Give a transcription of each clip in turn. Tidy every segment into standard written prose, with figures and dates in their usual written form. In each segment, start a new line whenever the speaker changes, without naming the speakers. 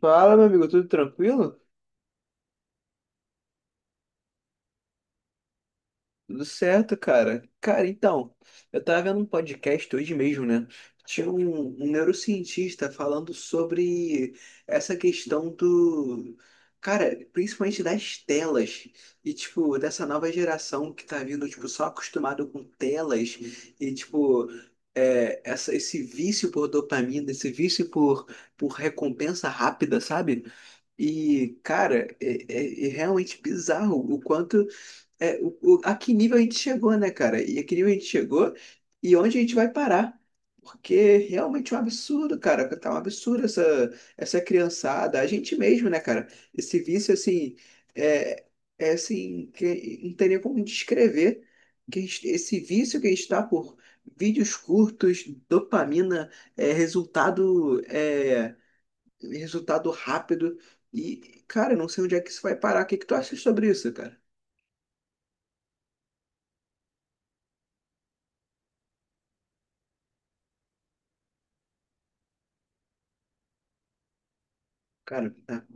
Fala, meu amigo, tudo tranquilo? Tudo certo, cara. Cara, então, eu tava vendo um podcast hoje mesmo, né? Tinha um neurocientista falando sobre essa questão do. Cara, principalmente das telas. E, tipo, dessa nova geração que tá vindo, tipo, só acostumado com telas. E, tipo, essa, esse vício por dopamina, esse vício por recompensa rápida, sabe? E, cara, é realmente bizarro o quanto a que nível a gente chegou, né, cara? E a que nível a gente chegou e onde a gente vai parar? Porque realmente é um absurdo, cara. Tá um absurdo essa criançada, a gente mesmo, né, cara? Esse vício, assim, é, é assim, que não tem nem como descrever esse vício que a gente tá por vídeos curtos, dopamina, é, resultado, é, resultado rápido. E, cara, eu não sei onde é que isso vai parar. O que que tu acha sobre isso, cara? Cara, tá.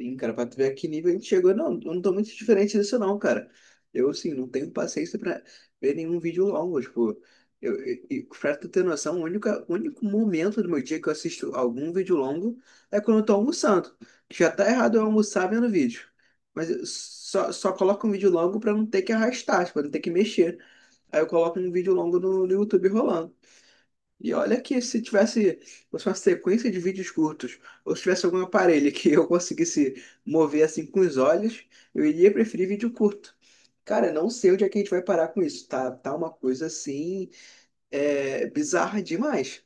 Sim, cara, pra tu ver a que nível a gente chegou, não, eu não tô muito diferente disso não, cara. Eu, assim, não tenho paciência pra ver nenhum vídeo longo, tipo, e pra tu ter noção, o único momento do meu dia que eu assisto algum vídeo longo é quando eu tô almoçando. Já tá errado eu almoçar vendo vídeo, mas eu só coloco um vídeo longo pra não ter que arrastar, tipo, não ter que mexer. Aí eu coloco um vídeo longo no YouTube rolando. E olha que se tivesse fosse uma sequência de vídeos curtos, ou se tivesse algum aparelho que eu conseguisse mover assim com os olhos, eu iria preferir vídeo curto. Cara, eu não sei onde é que a gente vai parar com isso. Tá, tá uma coisa assim, bizarra demais.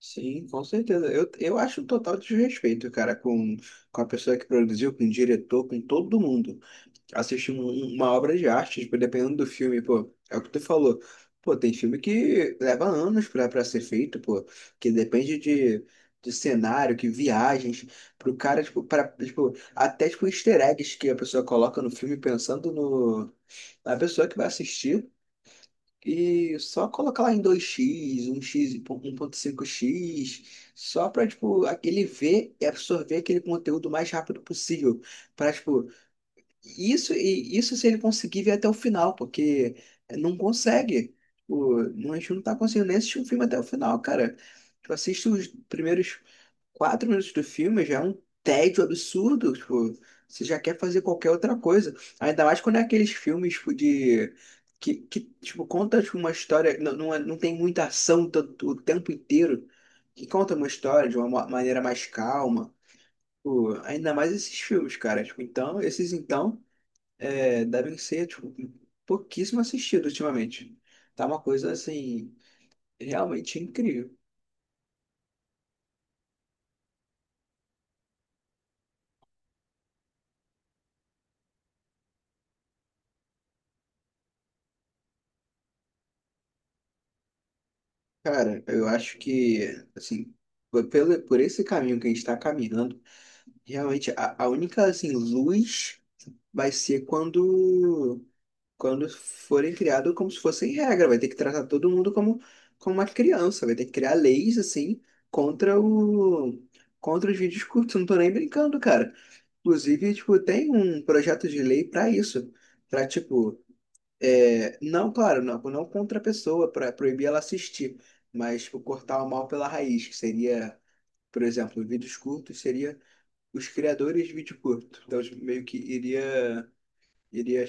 Sim, com certeza. Eu acho um total desrespeito, cara, com a pessoa que produziu, com o diretor, com todo mundo. Assistir uma obra de arte, tipo, dependendo do filme, pô, é o que tu falou. Pô, tem filme que leva anos pra ser feito, pô, que depende de cenário, que viagens, pro cara, tipo, pra, tipo, até, tipo, easter eggs que a pessoa coloca no filme pensando no, na pessoa que vai assistir. E só colocar lá em 2x 1x e 1.5x só pra, tipo, ele ver e absorver aquele conteúdo o mais rápido possível. Pra, tipo, isso, e isso se ele conseguir ver até o final, porque não consegue. O, não- A gente não tá conseguindo nem assistir o filme até o final, cara. Tu assiste os primeiros 4 minutos do filme, já é um tédio absurdo. Tipo, você já quer fazer qualquer outra coisa. Ainda mais quando é aqueles filmes, tipo, de. Que tipo, conta tipo, uma história. Não, não, não tem muita ação o tempo inteiro. Que conta uma história de uma maneira mais calma. Tipo, ainda mais esses filmes, cara. Tipo, então, esses então devem ser, tipo, pouquíssimo assistido ultimamente. Tá uma coisa, assim, realmente incrível. Cara, eu acho que, assim, por esse caminho que a gente tá caminhando, realmente a única, assim, luz vai ser quando forem criados como se fossem regra. Vai ter que tratar todo mundo como, como uma criança. Vai ter que criar leis, assim, contra o... Contra os vídeos curtos, eu não tô nem brincando, cara. Inclusive, tipo, tem um projeto de lei para isso, para tipo, é, não, claro, não, não contra a pessoa, para proibir ela assistir, mas tipo, cortar o mal pela raiz, que seria, por exemplo, vídeos curtos seria os criadores de vídeo curto. Então, tipo, meio que iria. Iria.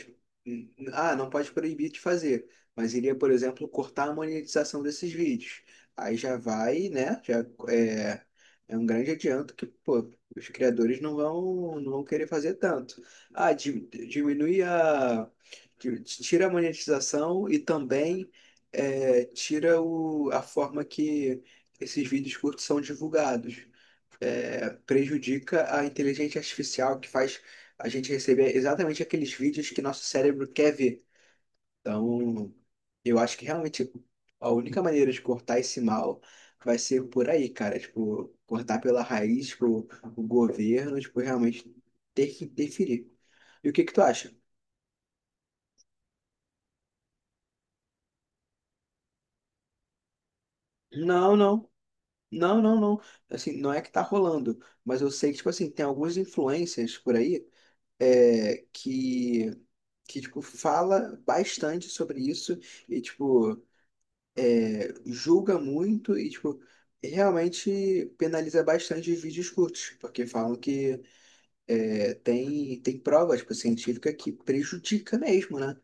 Ah, não pode proibir de fazer, mas iria, por exemplo, cortar a monetização desses vídeos. Aí já vai, né? Já é, é um grande adianto que, pô, os criadores não vão querer fazer tanto. Ah, di- diminui a. Tira a monetização e também é, tira a forma que esses vídeos curtos são divulgados é, prejudica a inteligência artificial que faz a gente receber exatamente aqueles vídeos que nosso cérebro quer ver. Então, eu acho que realmente a única maneira de cortar esse mal vai ser por aí, cara. Tipo, cortar pela raiz, tipo, o governo, tipo, realmente ter que interferir. E o que que tu acha? Não, não. Não, não, não. Assim, não é que tá rolando, mas eu sei que, tipo assim, tem algumas influências por aí é, que tipo, fala bastante sobre isso e, tipo, é, julga muito e, tipo, realmente penaliza bastante os vídeos curtos, porque falam que tem prova, tipo, científica que prejudica mesmo, né?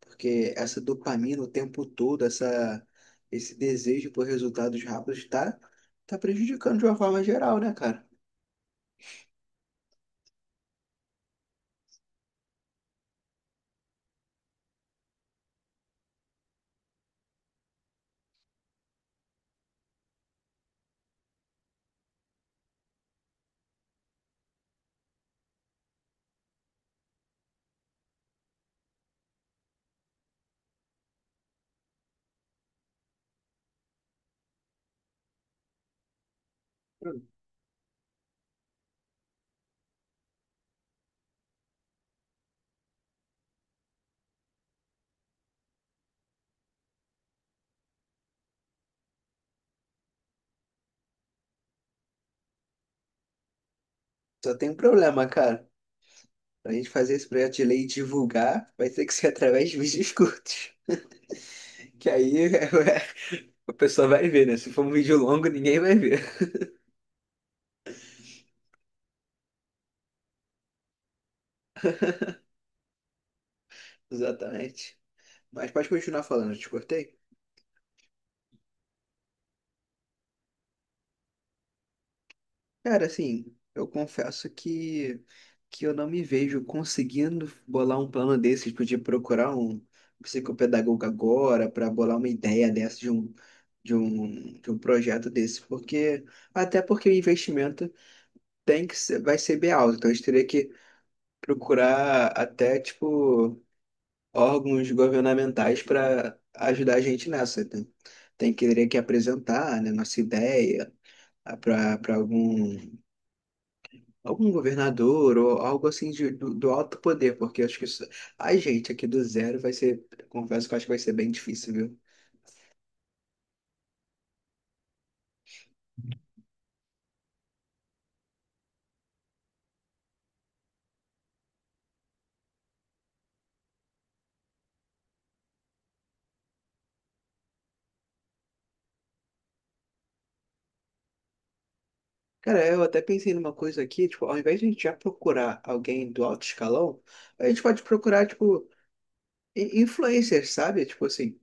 Porque essa dopamina o tempo todo, essa, esse desejo por resultados rápidos tá prejudicando de uma forma geral, né, cara? Hum. Só tem um problema, cara. Pra gente fazer esse projeto de lei e divulgar, vai ter que ser através de vídeos curtos. Que aí o pessoal vai ver, né? Se for um vídeo longo, ninguém vai ver. Exatamente. Mas pode continuar falando, eu te cortei? Cara, assim, eu confesso que eu não me vejo conseguindo bolar um plano desse, tipo, de procurar um psicopedagogo agora para bolar uma ideia dessa de um projeto desse. Porque, até porque o investimento vai ser bem alto. Então a gente teria que procurar até, tipo, órgãos governamentais para ajudar a gente nessa. Tem, tem que teria que apresentar, né, nossa ideia para algum, algum governador ou algo assim do alto poder, porque acho que isso, a gente aqui do zero vai ser, confesso que eu acho que vai ser bem difícil, viu? Cara, eu até pensei numa coisa aqui, tipo, ao invés de a gente já procurar alguém do alto escalão, a gente pode procurar, tipo, influencers, sabe? Tipo assim,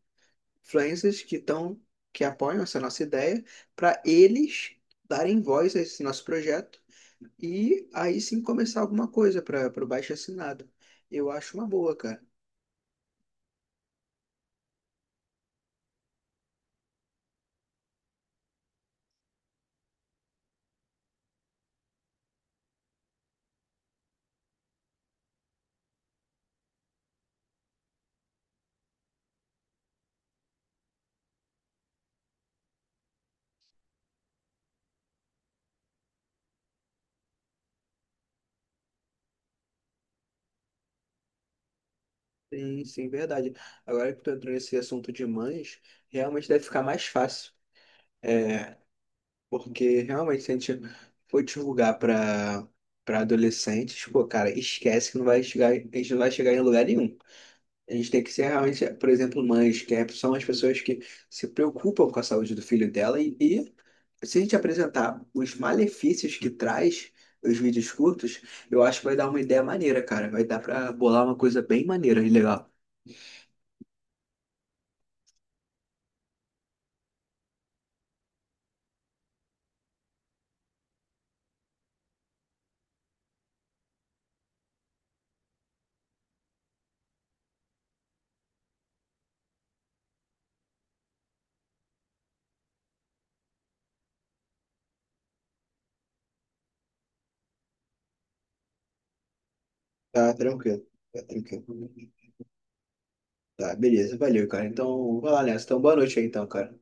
influencers que estão, que apoiam essa nossa ideia, para eles darem voz a esse nosso projeto e aí sim começar alguma coisa para o baixo assinado. Eu acho uma boa, cara. Sim, sim, verdade. Agora que tu entrou nesse assunto de mães, realmente deve ficar mais fácil. É, porque realmente se a gente for divulgar para adolescentes, pô, cara, esquece que não vai chegar, a gente não vai chegar em lugar nenhum. A gente tem que ser realmente, por exemplo, mães, são as pessoas que se preocupam com a saúde do filho dela e se a gente apresentar os malefícios que traz os vídeos curtos, eu acho que vai dar uma ideia maneira, cara. Vai dar pra bolar uma coisa bem maneira e legal. Tá, tranquilo. Tá, tranquilo. Tá, beleza. Valeu, cara. Então, vai lá nessa. Então, boa noite aí, então, cara.